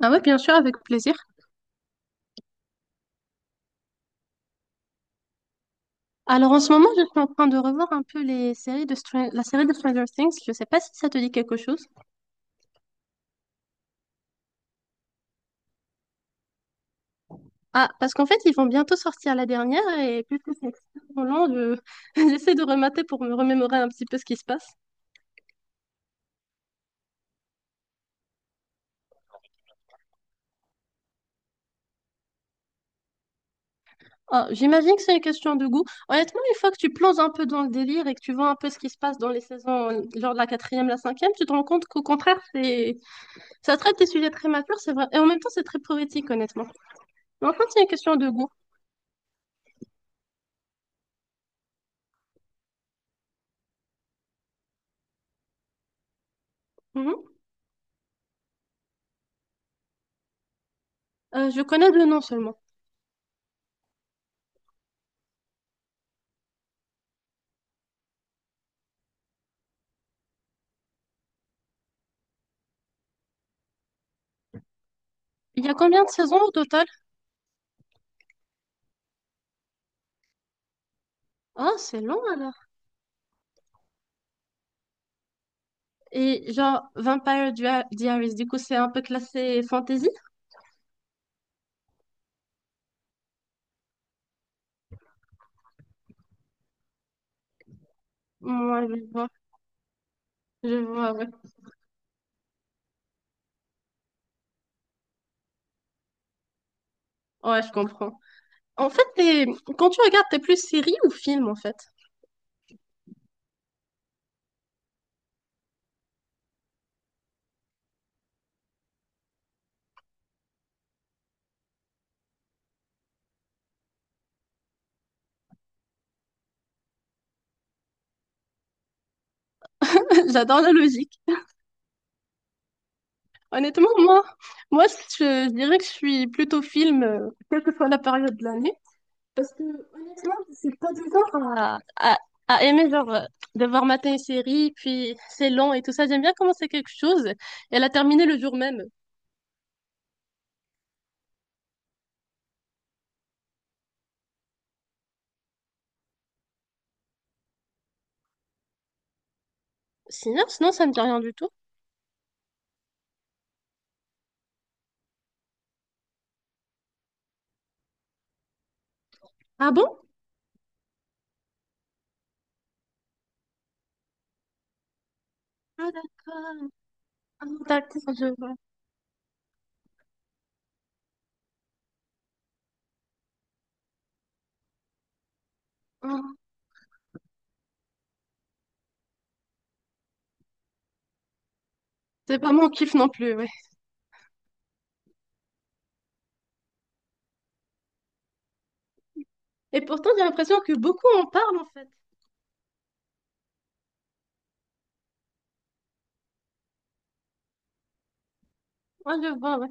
Ah ouais, bien sûr, avec plaisir. Alors en ce moment, je suis en train de revoir un peu les séries de la série de Stranger Things. Je sais pas si ça te dit quelque chose. Ah, parce qu'en fait, ils vont bientôt sortir la dernière et puisque c'est extrêmement long. J'essaie de remater pour me remémorer un petit peu ce qui se passe. Ah, j'imagine que c'est une question de goût. Honnêtement, une fois que tu plonges un peu dans le délire et que tu vois un peu ce qui se passe dans les saisons, genre de la quatrième, la cinquième, tu te rends compte qu'au contraire, c'est ça traite des sujets très matures, c'est vrai. Et en même temps, c'est très poétique, honnêtement. Mais en fait, c'est une question de goût. Mhm. Je connais le nom seulement. Il y a combien de saisons au total? Ah, c'est long alors. Et genre, Vampire Diaries, du coup, c'est un peu classé fantasy? Moi je vois. Je vois, ouais. Ouais, je comprends. En fait, quand tu regardes, t'es plus série ou film, en fait? J'adore la logique. Honnêtement, moi, je dirais que je suis plutôt film, quelle que soit la période de l'année. Parce que à, à- à aimer genre devoir mater une série, puis c'est long et tout ça. J'aime bien commencer quelque chose et la terminer le jour même. Sinon, ça me dit rien du tout. Ah bon? Ah d'accord, Ah, d'accord, je vois. Ah, c'est pas mon kiff non plus, ouais. Et pourtant, j'ai l'impression que beaucoup en parlent en fait. Moi, je vois, ouais.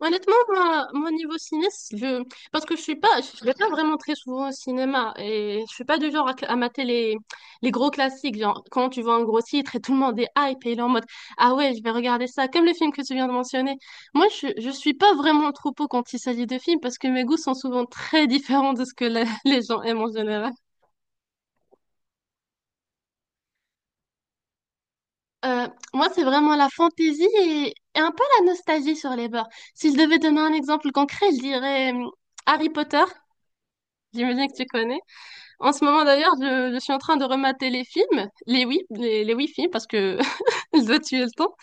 Honnêtement, moi, mon niveau ciné, je... parce que je suis pas, je vais pas vraiment très souvent au cinéma et je suis pas du genre à mater les gros classiques. Genre, quand tu vois un gros titre et tout le monde est hype et il est en mode, ah ouais, je vais regarder ça, comme le film que tu viens de mentionner. Moi, je suis pas vraiment trop pot quand il s'agit de films parce que mes goûts sont souvent très différents de ce que les gens aiment en général. Euh, Moi, c'est vraiment la fantaisie et un peu la nostalgie sur les bords. Si je devais donner un exemple concret, je dirais Harry Potter. J'imagine que tu connais. En ce moment d'ailleurs, je suis en train de remater les films, les oui, les oui films parce que je dois tuer le temps.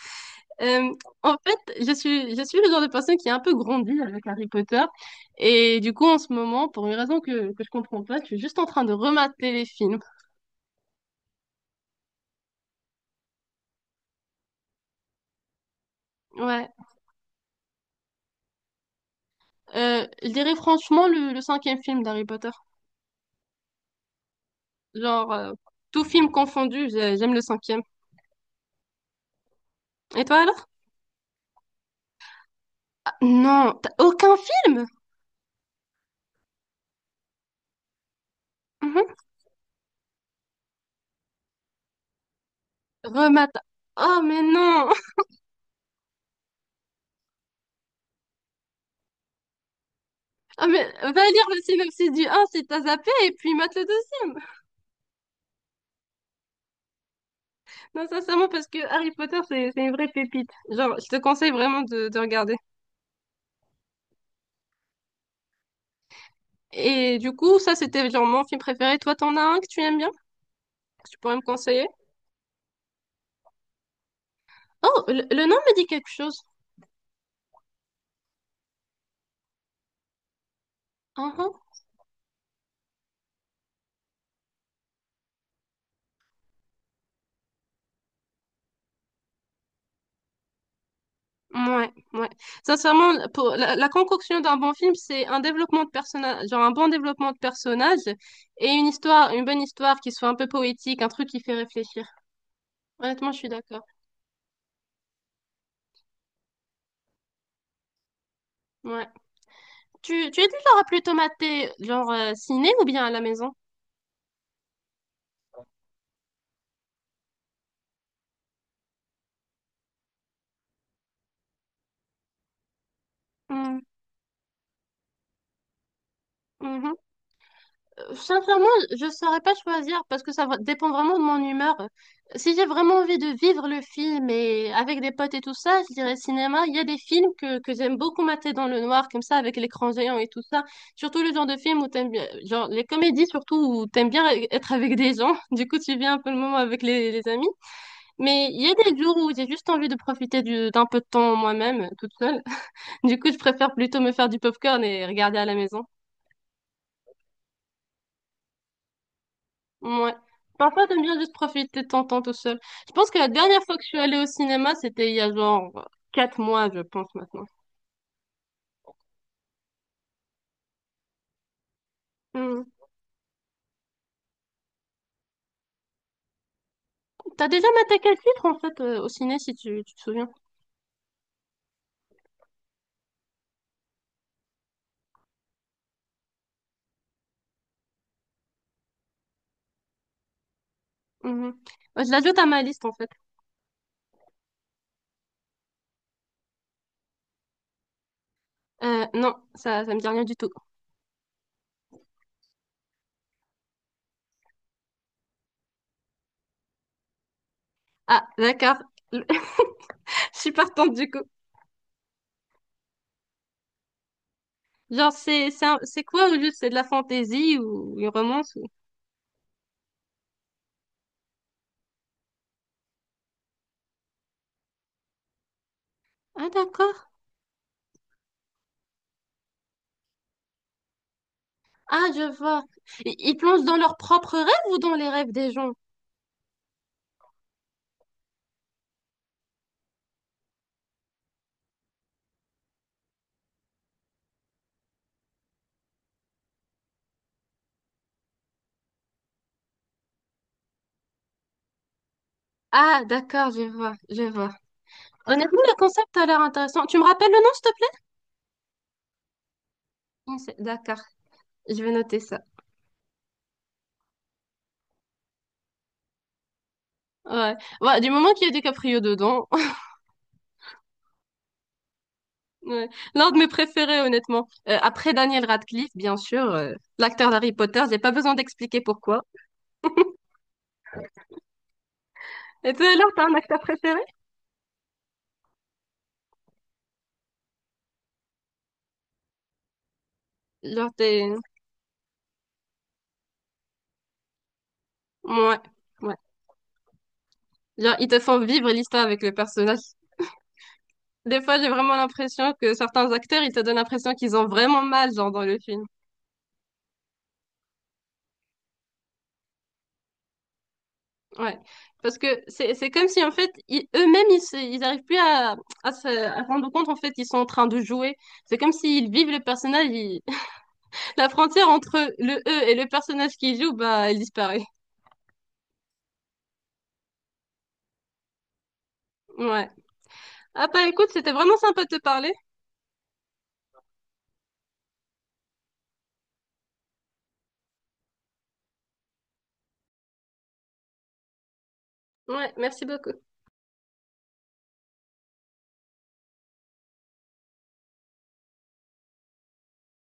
Euh, En fait, je suis le genre de personne qui a un peu grandi avec Harry Potter et du coup en ce moment, pour une raison que je comprends pas, je suis juste en train de remater les films. Ouais. Je dirais franchement le cinquième film d'Harry Potter. Genre tout film confondu, j'aime le cinquième. Et toi alors? Ah, non, t'as aucun film? Mhm. Remate. Oh mais non. Ah mais va lire le synopsis du un, si t'as zappé et puis mate le deuxième. Non, sincèrement, parce que Harry Potter, c'est une vraie pépite. Genre, je te conseille vraiment de regarder. Et du coup, ça, c'était genre mon film préféré. Toi, t'en as un que tu aimes bien? Que tu pourrais me conseiller? Oh, le nom me dit quelque chose. Ah, ah. Ouais, ouais. Sincèrement, pour la concoction d'un bon film, c'est un développement de personnage, genre un bon développement de personnage et une histoire, une bonne histoire qui soit un peu poétique, un truc qui fait réfléchir. Honnêtement, je suis d'accord. Ouais. Tu es du genre à plutôt mater, genre ciné ou bien à la maison? Hmm, mhm. Sincèrement, je saurais pas choisir parce que dépend vraiment de mon humeur. Si j'ai vraiment envie de vivre le film et avec des potes et tout ça, je dirais cinéma. Il y a des films que j'aime beaucoup mater dans le noir, comme ça, avec l'écran géant et tout ça. Surtout le genre de film où t'aimes bien, genre les comédies surtout où t'aimes bien être avec des gens. Du coup, tu viens un peu le moment avec les amis. Mais il y a des jours où j'ai juste envie de profiter d'un peu de temps moi-même, toute seule. Du coup, je préfère plutôt me faire du popcorn et regarder à la maison. Ouais. Parfois, t'aimes bien juste profiter de ton temps tout seul. Je pense que la dernière fois que je suis allée au cinéma, c'était il y a genre 4 mois, je pense maintenant. Mhm. T'as déjà maté quel titre en fait au ciné si tu te souviens? Mhm. Ouais, je l'ajoute à ma liste en fait. Non, ça me dit rien du tout. Ah, d'accord. Je suis partante du coup. Genre, c'est quoi au juste? C'est de la fantaisie ou une romance ou... Ah, d'accord. Ah, je vois. Ils plongent dans leurs propres rêves ou dans les rêves des gens? Ah, d'accord, je vois, je vois. Honnêtement, le concept a l'air intéressant. Tu me rappelles le nom, s'il te plaît? D'accord, je vais noter ça. Ouais. Ouais, du moment qu'il y a DiCaprio dedans. Ouais. L'un de mes préférés, honnêtement. Après Daniel Radcliffe, bien sûr, l'acteur d'Harry Potter, j'ai pas besoin d'expliquer pourquoi. Et toi, alors, t'as un acteur préféré? Genre, t'es. Ouais, ouais. Genre, ils te font vivre l'histoire avec le personnage. Des fois, j'ai vraiment l'impression que certains acteurs, ils te donnent l'impression qu'ils ont vraiment mal, genre, dans le film. Ouais. Parce que c'est comme si, en fait, eux-mêmes, ils arrivent plus à se rendre compte, en fait, qu'ils sont en train de jouer. C'est comme s'ils vivent le personnage. La frontière entre le eux et le personnage qu'ils jouent, bah, elle disparaît. Ouais. Ah, bah, écoute, c'était vraiment sympa de te parler. Ouais, merci beaucoup.